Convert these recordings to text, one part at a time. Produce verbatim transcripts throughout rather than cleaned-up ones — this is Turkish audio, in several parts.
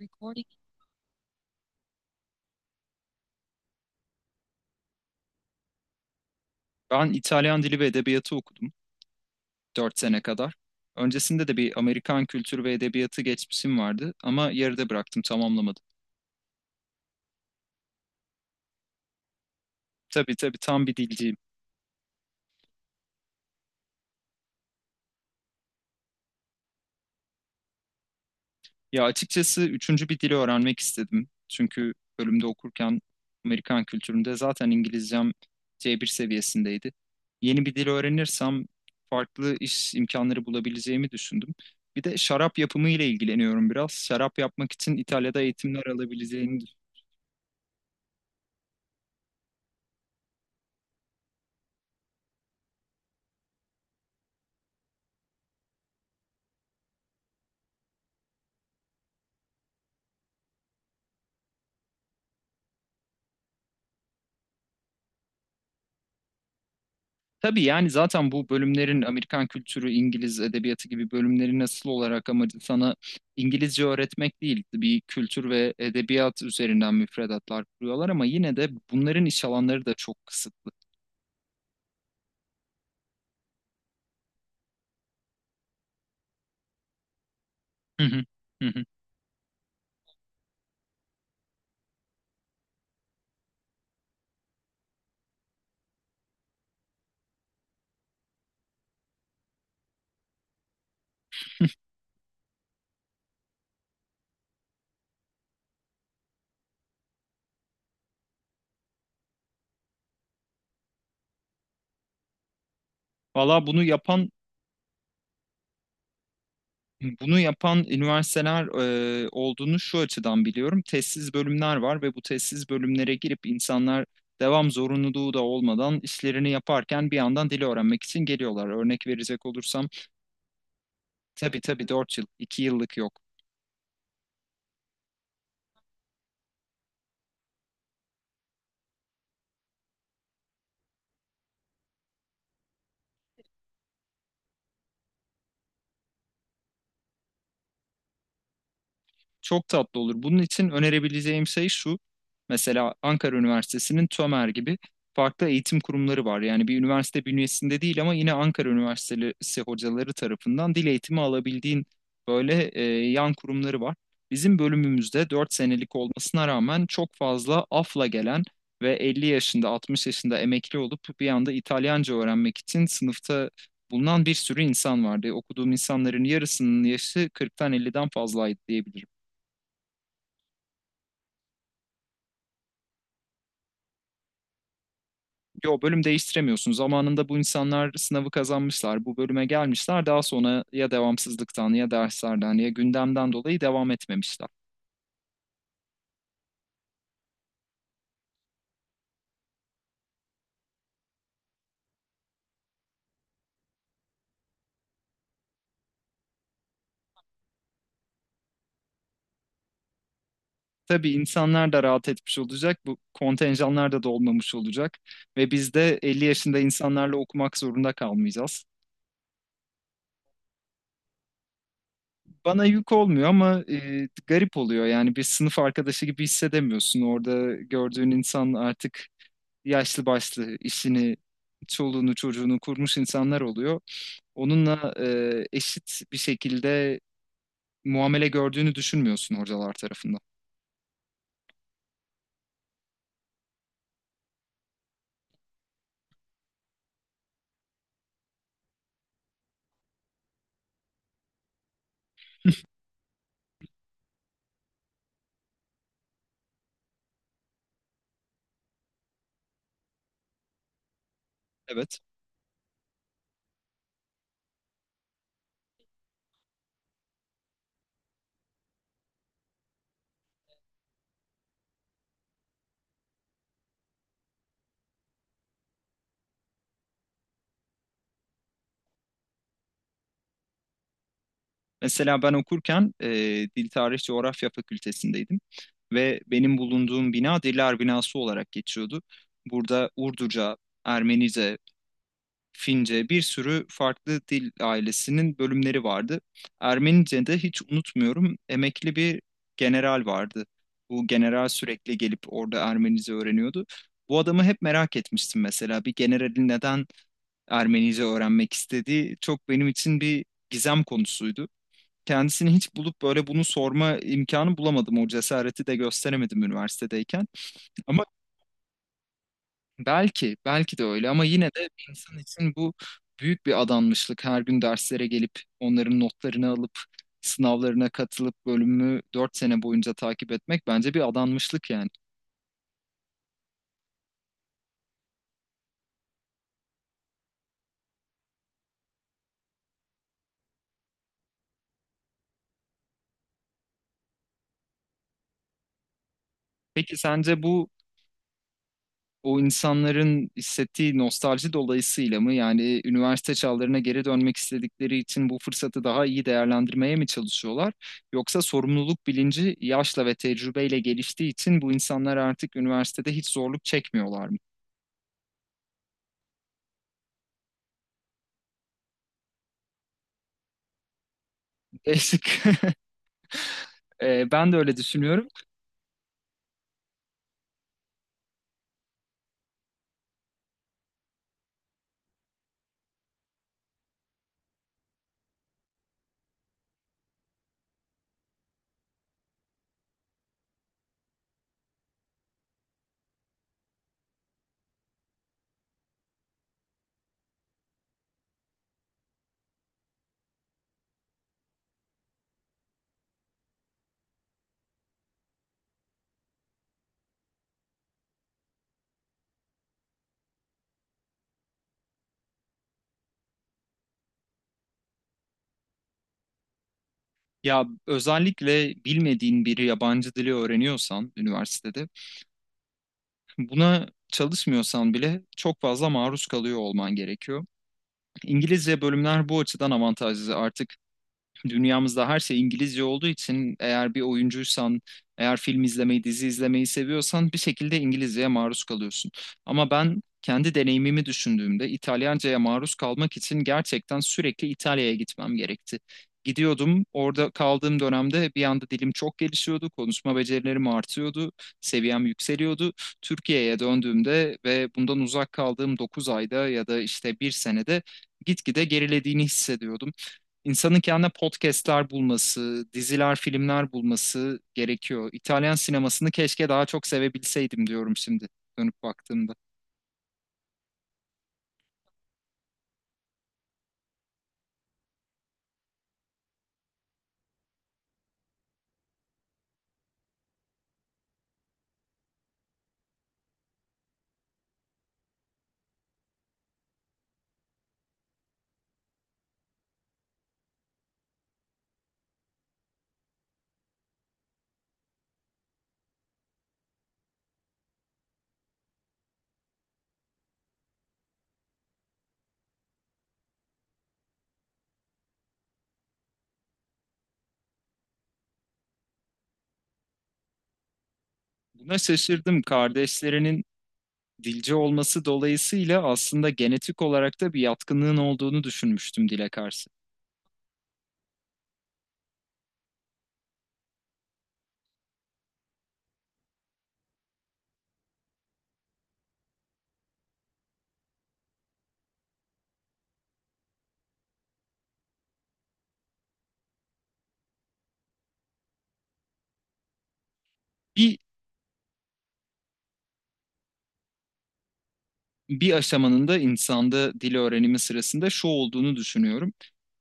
Recording. Ben İtalyan dili ve edebiyatı okudum dört sene kadar. Öncesinde de bir Amerikan kültürü ve edebiyatı geçmişim vardı ama yarıda bıraktım, tamamlamadım. Tabii tabii tam bir dilciyim. Ya açıkçası üçüncü bir dili öğrenmek istedim. Çünkü bölümde okurken Amerikan kültüründe zaten İngilizcem C bir seviyesindeydi. Yeni bir dil öğrenirsem farklı iş imkanları bulabileceğimi düşündüm. Bir de şarap yapımı ile ilgileniyorum biraz. Şarap yapmak için İtalya'da eğitimler alabileceğini. Tabii yani zaten bu bölümlerin Amerikan kültürü, İngiliz edebiyatı gibi bölümlerin asıl olarak amacı sana İngilizce öğretmek değil, bir kültür ve edebiyat üzerinden müfredatlar kuruyorlar ama yine de bunların iş alanları da çok kısıtlı. Hı hı, hı hı. Valla bunu yapan bunu yapan üniversiteler e, olduğunu şu açıdan biliyorum. Tezsiz bölümler var ve bu tezsiz bölümlere girip insanlar devam zorunluluğu da olmadan işlerini yaparken bir yandan dili öğrenmek için geliyorlar. Örnek verecek olursam. Tabii tabii dört yıl. İki yıllık yok. Çok tatlı olur. Bunun için önerebileceğim şey şu. Mesela Ankara Üniversitesi'nin TÖMER gibi farklı eğitim kurumları var. Yani bir üniversite bünyesinde değil ama yine Ankara Üniversitesi hocaları tarafından dil eğitimi alabildiğin böyle e, yan kurumları var. Bizim bölümümüzde dört senelik olmasına rağmen çok fazla afla gelen ve elli yaşında altmış yaşında emekli olup bir anda İtalyanca öğrenmek için sınıfta bulunan bir sürü insan vardı. Okuduğum insanların yarısının yaşı kırktan elli'den fazlaydı diyebilirim. Yo bölüm değiştiremiyorsun. Zamanında bu insanlar sınavı kazanmışlar. Bu bölüme gelmişler. Daha sonra ya devamsızlıktan ya derslerden ya gündemden dolayı devam etmemişler. Tabii insanlar da rahat etmiş olacak. Bu kontenjanlar da dolmamış olacak. Ve biz de elli yaşında insanlarla okumak zorunda kalmayacağız. Bana yük olmuyor ama e, garip oluyor. Yani bir sınıf arkadaşı gibi hissedemiyorsun. Orada gördüğün insan artık yaşlı başlı işini, çoluğunu, çocuğunu kurmuş insanlar oluyor. Onunla e, eşit bir şekilde muamele gördüğünü düşünmüyorsun hocalar tarafından. Evet. Mesela ben okurken e, Dil Tarih Coğrafya Fakültesindeydim ve benim bulunduğum bina Diller Binası olarak geçiyordu. Burada Urduca, Ermenice, Fince, bir sürü farklı dil ailesinin bölümleri vardı. Ermenice'de hiç unutmuyorum emekli bir general vardı. Bu general sürekli gelip orada Ermenice öğreniyordu. Bu adamı hep merak etmiştim mesela. Bir generalin neden Ermenice öğrenmek istediği çok benim için bir gizem konusuydu. Kendisini hiç bulup böyle bunu sorma imkanı bulamadım. O cesareti de gösteremedim üniversitedeyken. Ama belki, belki de öyle ama yine de bir insan için bu büyük bir adanmışlık. Her gün derslere gelip onların notlarını alıp sınavlarına katılıp bölümü dört sene boyunca takip etmek bence bir adanmışlık yani. Peki sence bu o insanların hissettiği nostalji dolayısıyla mı, yani üniversite çağlarına geri dönmek istedikleri için bu fırsatı daha iyi değerlendirmeye mi çalışıyorlar? Yoksa sorumluluk bilinci yaşla ve tecrübeyle geliştiği için bu insanlar artık üniversitede hiç zorluk çekmiyorlar mı? Değişik. Ee, ben de öyle düşünüyorum. Ya özellikle bilmediğin bir yabancı dili öğreniyorsan üniversitede buna çalışmıyorsan bile çok fazla maruz kalıyor olman gerekiyor. İngilizce bölümler bu açıdan avantajlı. Artık dünyamızda her şey İngilizce olduğu için eğer bir oyuncuysan, eğer film izlemeyi, dizi izlemeyi seviyorsan bir şekilde İngilizceye maruz kalıyorsun. Ama ben kendi deneyimimi düşündüğümde İtalyanca'ya maruz kalmak için gerçekten sürekli İtalya'ya gitmem gerekti. Gidiyordum, orada kaldığım dönemde bir anda dilim çok gelişiyordu, konuşma becerilerim artıyordu, seviyem yükseliyordu. Türkiye'ye döndüğümde ve bundan uzak kaldığım dokuz ayda ya da işte bir senede gitgide gerilediğini hissediyordum. İnsanın kendine podcastler bulması, diziler, filmler bulması gerekiyor. İtalyan sinemasını keşke daha çok sevebilseydim diyorum şimdi dönüp baktığımda. Buna şaşırdım. Kardeşlerinin dilci olması dolayısıyla aslında genetik olarak da bir yatkınlığın olduğunu düşünmüştüm dile karşı. Bir bir aşamanın da insanda dil öğrenimi sırasında şu olduğunu düşünüyorum.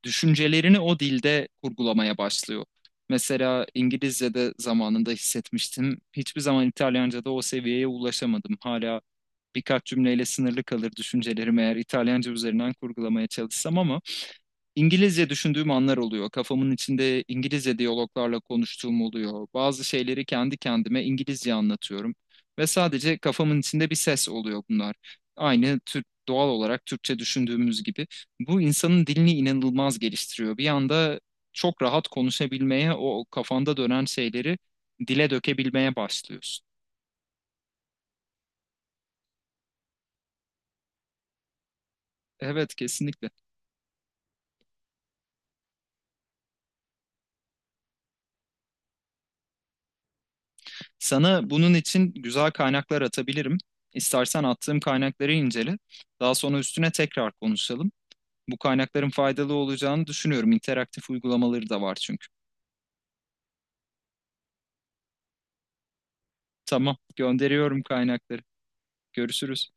Düşüncelerini o dilde kurgulamaya başlıyor. Mesela İngilizce'de zamanında hissetmiştim. Hiçbir zaman İtalyanca'da o seviyeye ulaşamadım. Hala birkaç cümleyle sınırlı kalır düşüncelerimi eğer İtalyanca üzerinden kurgulamaya çalışsam, ama İngilizce düşündüğüm anlar oluyor. Kafamın içinde İngilizce diyaloglarla konuştuğum oluyor. Bazı şeyleri kendi kendime İngilizce anlatıyorum ve sadece kafamın içinde bir ses oluyor bunlar. Aynı Türk doğal olarak Türkçe düşündüğümüz gibi. Bu insanın dilini inanılmaz geliştiriyor. Bir anda çok rahat konuşabilmeye, o kafanda dönen şeyleri dile dökebilmeye başlıyorsun. Evet, kesinlikle. Sana bunun için güzel kaynaklar atabilirim. İstersen attığım kaynakları incele. Daha sonra üstüne tekrar konuşalım. Bu kaynakların faydalı olacağını düşünüyorum. İnteraktif uygulamaları da var çünkü. Tamam, gönderiyorum kaynakları. Görüşürüz.